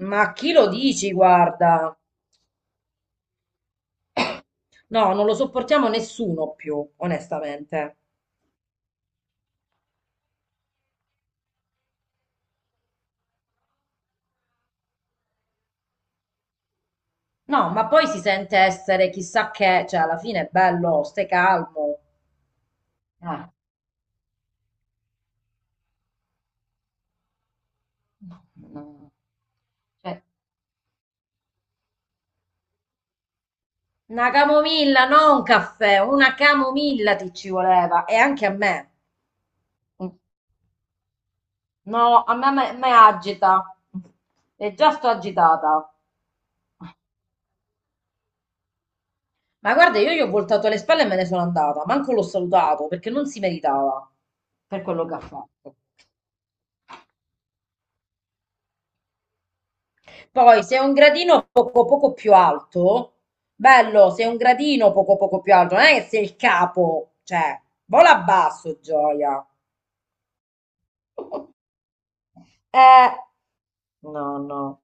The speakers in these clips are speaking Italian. Ma chi lo dici, guarda? No, non lo sopportiamo nessuno più, onestamente. No, ma poi si sente essere chissà che, cioè alla fine è bello, stai calmo. Ah, no, no. No. Cioè, una camomilla, non un caffè, una camomilla ti ci voleva e anche a me. No, a me me agita. E già sto agitata. Ma guarda, io gli ho voltato le spalle e me ne sono andata, manco l'ho salutato perché non si meritava per quello che ha fatto. Poi se è un gradino poco poco più alto, bello, se è un gradino poco poco più alto, non è che sei il capo, cioè, vola basso, gioia. Eh, no, no.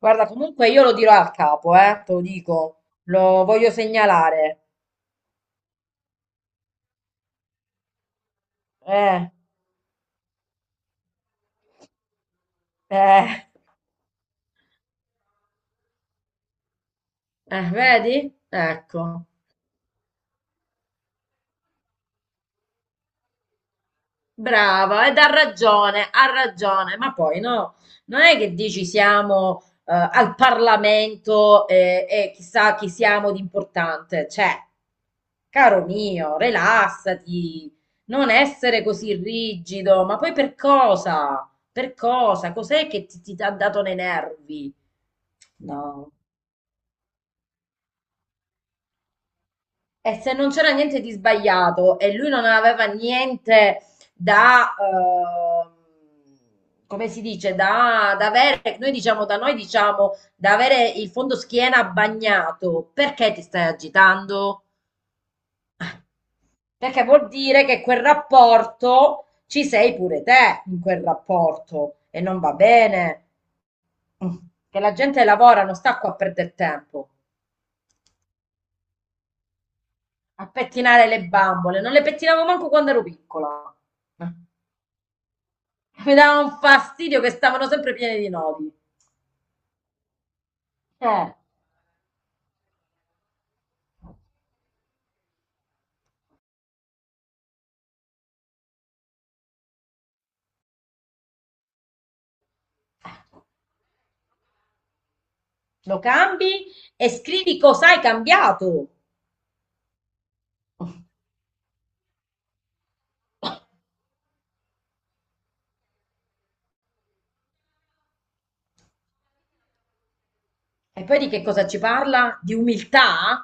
Guarda, comunque io lo dirò al capo, te lo dico, lo voglio segnalare. Eh, eh, eh, vedi? Ecco. Brava, ed ha ragione, ma poi no, non è che dici siamo al Parlamento e chissà chi siamo di importante, cioè, caro mio, rilassati, non essere così rigido, ma poi per cosa? Per cosa? Cos'è che ti ha dato nei nervi? No. E se non c'era niente di sbagliato e lui non aveva niente da, come si dice, da avere, noi diciamo, da avere il fondo schiena bagnato, perché ti stai agitando? Perché vuol dire che quel rapporto ci sei pure te in quel rapporto e non va bene. Mm. Che la gente lavora, non sta qua a perdere tempo, a pettinare le bambole. Non le pettinavo manco quando ero piccola. Eh. Mi dava un fastidio che stavano sempre pieni di nodi. Eh, lo cambi e scrivi cosa hai cambiato. E poi di che cosa ci parla? Di umiltà?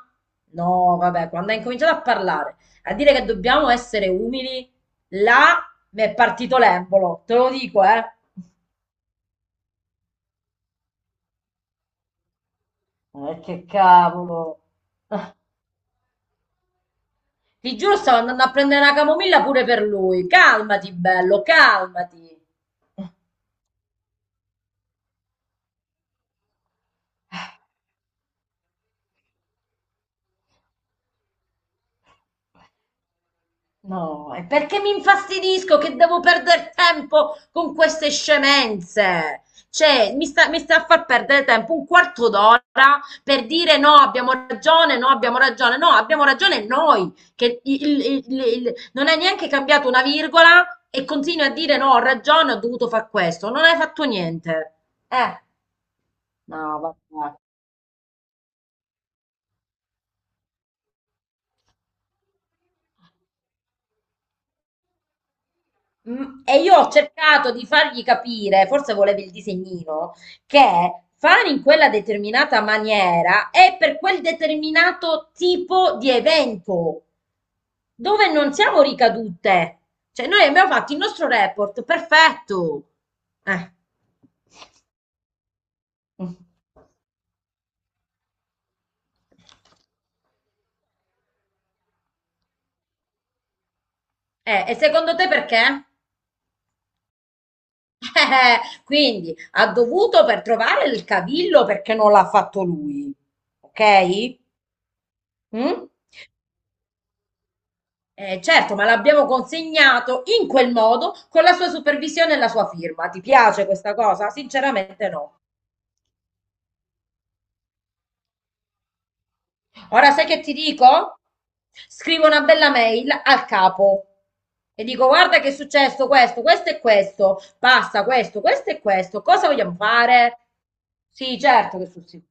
No, vabbè, quando hai incominciato a parlare, a dire che dobbiamo essere umili, là mi è partito l'embolo, te lo dico, eh. Che cavolo. Ah, ti giuro, stavo andando a prendere una camomilla pure per lui. Calmati, bello, calmati. No, è perché mi infastidisco che devo perdere tempo con queste scemenze. Cioè, mi sta a far perdere tempo un quarto d'ora per dire no, abbiamo ragione, no, abbiamo ragione, no, abbiamo ragione noi, che non hai neanche cambiato una virgola e continui a dire no, ho ragione, ho dovuto fare questo, non hai fatto niente. Eh, no, vabbè. Mm. E io ho cercato di fargli capire, forse volevi il disegnino, che fare in quella determinata maniera è per quel determinato tipo di evento dove non siamo ricadute. Cioè, noi abbiamo fatto il nostro report, perfetto. Eh. Mm. E secondo te perché? Quindi ha dovuto per trovare il cavillo perché non l'ha fatto lui. Ok? Mm? Certo, ma l'abbiamo consegnato in quel modo, con la sua supervisione e la sua firma. Ti piace questa cosa? Sinceramente no. Ora sai che ti dico? Scrivo una bella mail al capo e dico: guarda che è successo questo, questo e questo, passa questo, questo e questo. Cosa vogliamo fare? Sì, certo che sul sicuro.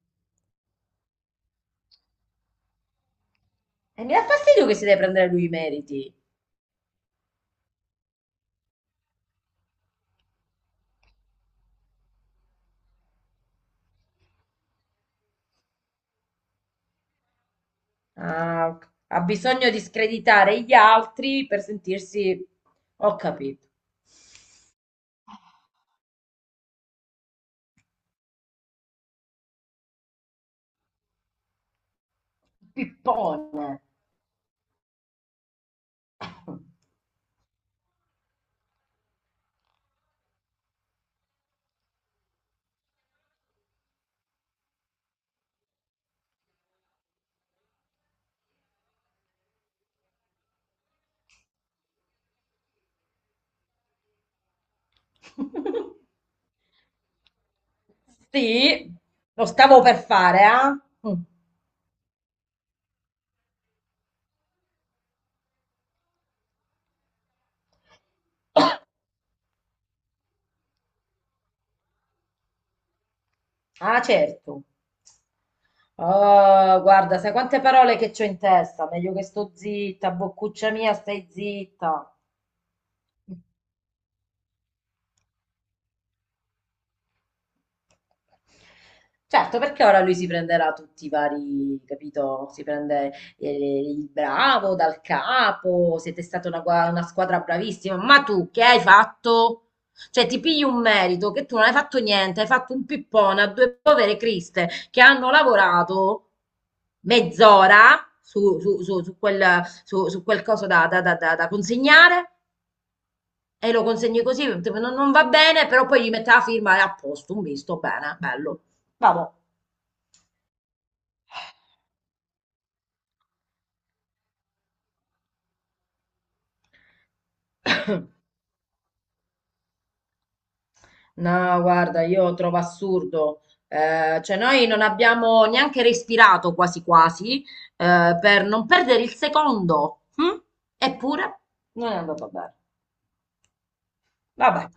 E mi dà fastidio che si deve prendere lui i meriti. Ah, ok, ha bisogno di screditare gli altri per sentirsi. Ho capito. Pippone. Sì, lo stavo per fare, ah? Mm. Ah, certo. Oh, guarda, sai quante parole che c'ho in testa? Meglio che sto zitta, boccuccia mia, stai zitta. Certo, perché ora lui si prenderà tutti i vari, capito? Si prende il bravo dal capo, siete stata una squadra bravissima, ma tu che hai fatto? Cioè, ti pigli un merito che tu non hai fatto niente, hai fatto un pippone a due povere criste che hanno lavorato mezz'ora su quel, su quel coso da consegnare e lo consegni così, non va bene, però poi gli mette la firma e a posto, un visto, bene, bello. Vabbò. No, guarda, io trovo assurdo. Cioè, noi non abbiamo neanche respirato quasi quasi per non perdere il secondo. Hm? Eppure non è andato bene. Vabbè.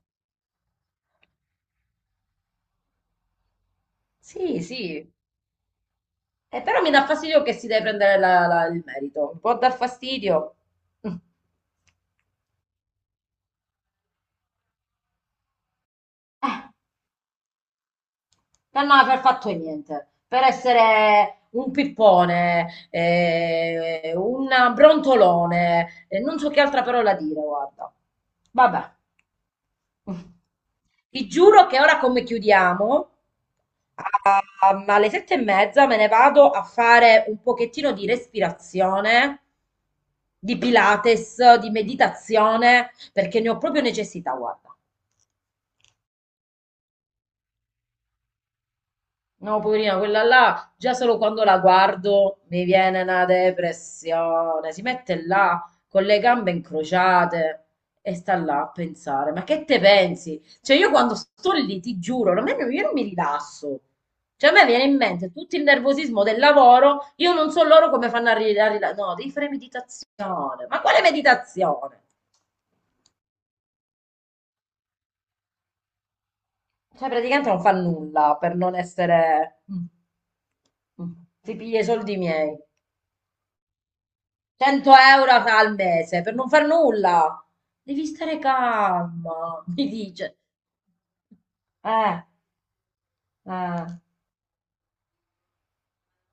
Sì, sì. Però mi dà fastidio che si deve prendere il merito. Può dar fastidio. Mm. Per non aver fatto niente, per essere un pippone, un brontolone, non so che altra parola dire, guarda. Vabbè. Ti giuro che ora come chiudiamo, a- alle 7:30 me ne vado a fare un pochettino di respirazione, di Pilates, di meditazione, perché ne ho proprio necessità, guarda. No, poverina, quella là, già solo quando la guardo mi viene una depressione. Si mette là con le gambe incrociate e sta là a pensare. Ma che te pensi? Cioè, io quando sto lì, ti giuro, a me non- io non mi rilasso. Cioè, a me viene in mente tutto il nervosismo del lavoro, io non so loro come fanno a rilassare. No, devi fare meditazione. Ma quale meditazione? Cioè, praticamente non fa nulla per non essere. Mm, mm. Ti piglia i soldi miei. 100 euro al mese per non far nulla. Devi stare calma, mi dice. Eh, eh,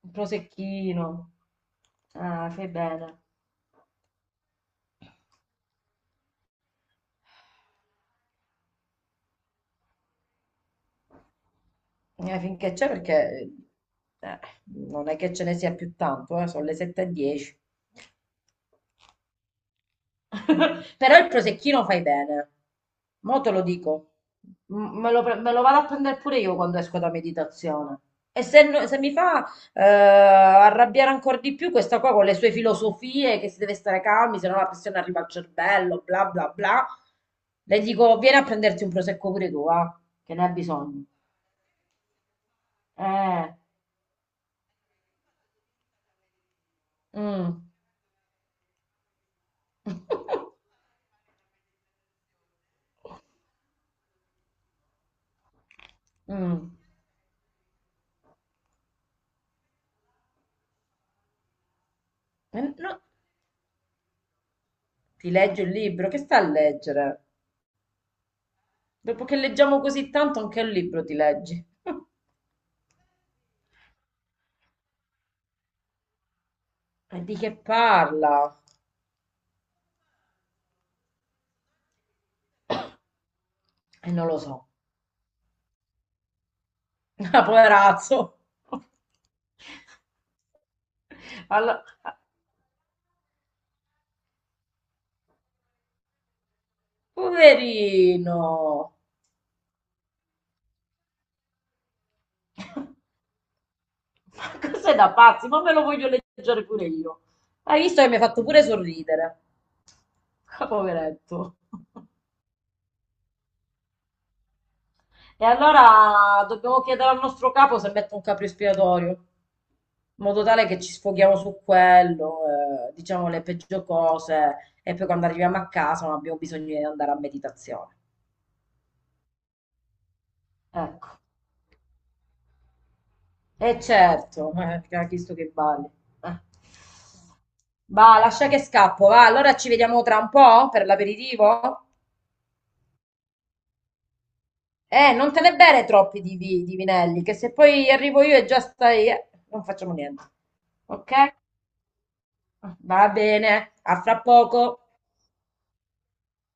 un prosecchino. Ah, fai bene. Finché c'è perché eh, non è che ce ne sia più tanto, sono le 7.10. Però il prosecchino fai bene. Mo te lo dico. Me lo vado a prendere pure io quando esco da meditazione. E se mi fa arrabbiare ancora di più questa qua con le sue filosofie, che si deve stare calmi, se no la pressione arriva al cervello, bla bla bla, le dico, vieni a prenderti un prosecco pure tu, va, che ne hai bisogno. Eh, mm. Mm. No, ti leggi il libro, che sta a leggere? Dopo che leggiamo così tanto, anche il libro ti leggi. E di che parla? E non lo so. Ah, poverazzo. Allora, poverino. Ma cos'è da pazzi? Ma me lo voglio leggere pure io. Hai visto che mi hai fatto pure sorridere. Ah, poveretto. E allora dobbiamo chiedere al nostro capo se mette un capro espiatorio, in modo tale che ci sfoghiamo su quello, diciamo le peggio cose, e poi quando arriviamo a casa non abbiamo bisogno di andare a meditazione. Ecco. E certo, ha chiesto che balli. Eh. Va, lascia che scappo, va. Allora ci vediamo tra un po' per l'aperitivo. Non te ne bere troppi di vinelli, che se poi arrivo io e già stai, non facciamo niente. Ok? Va bene, a fra poco.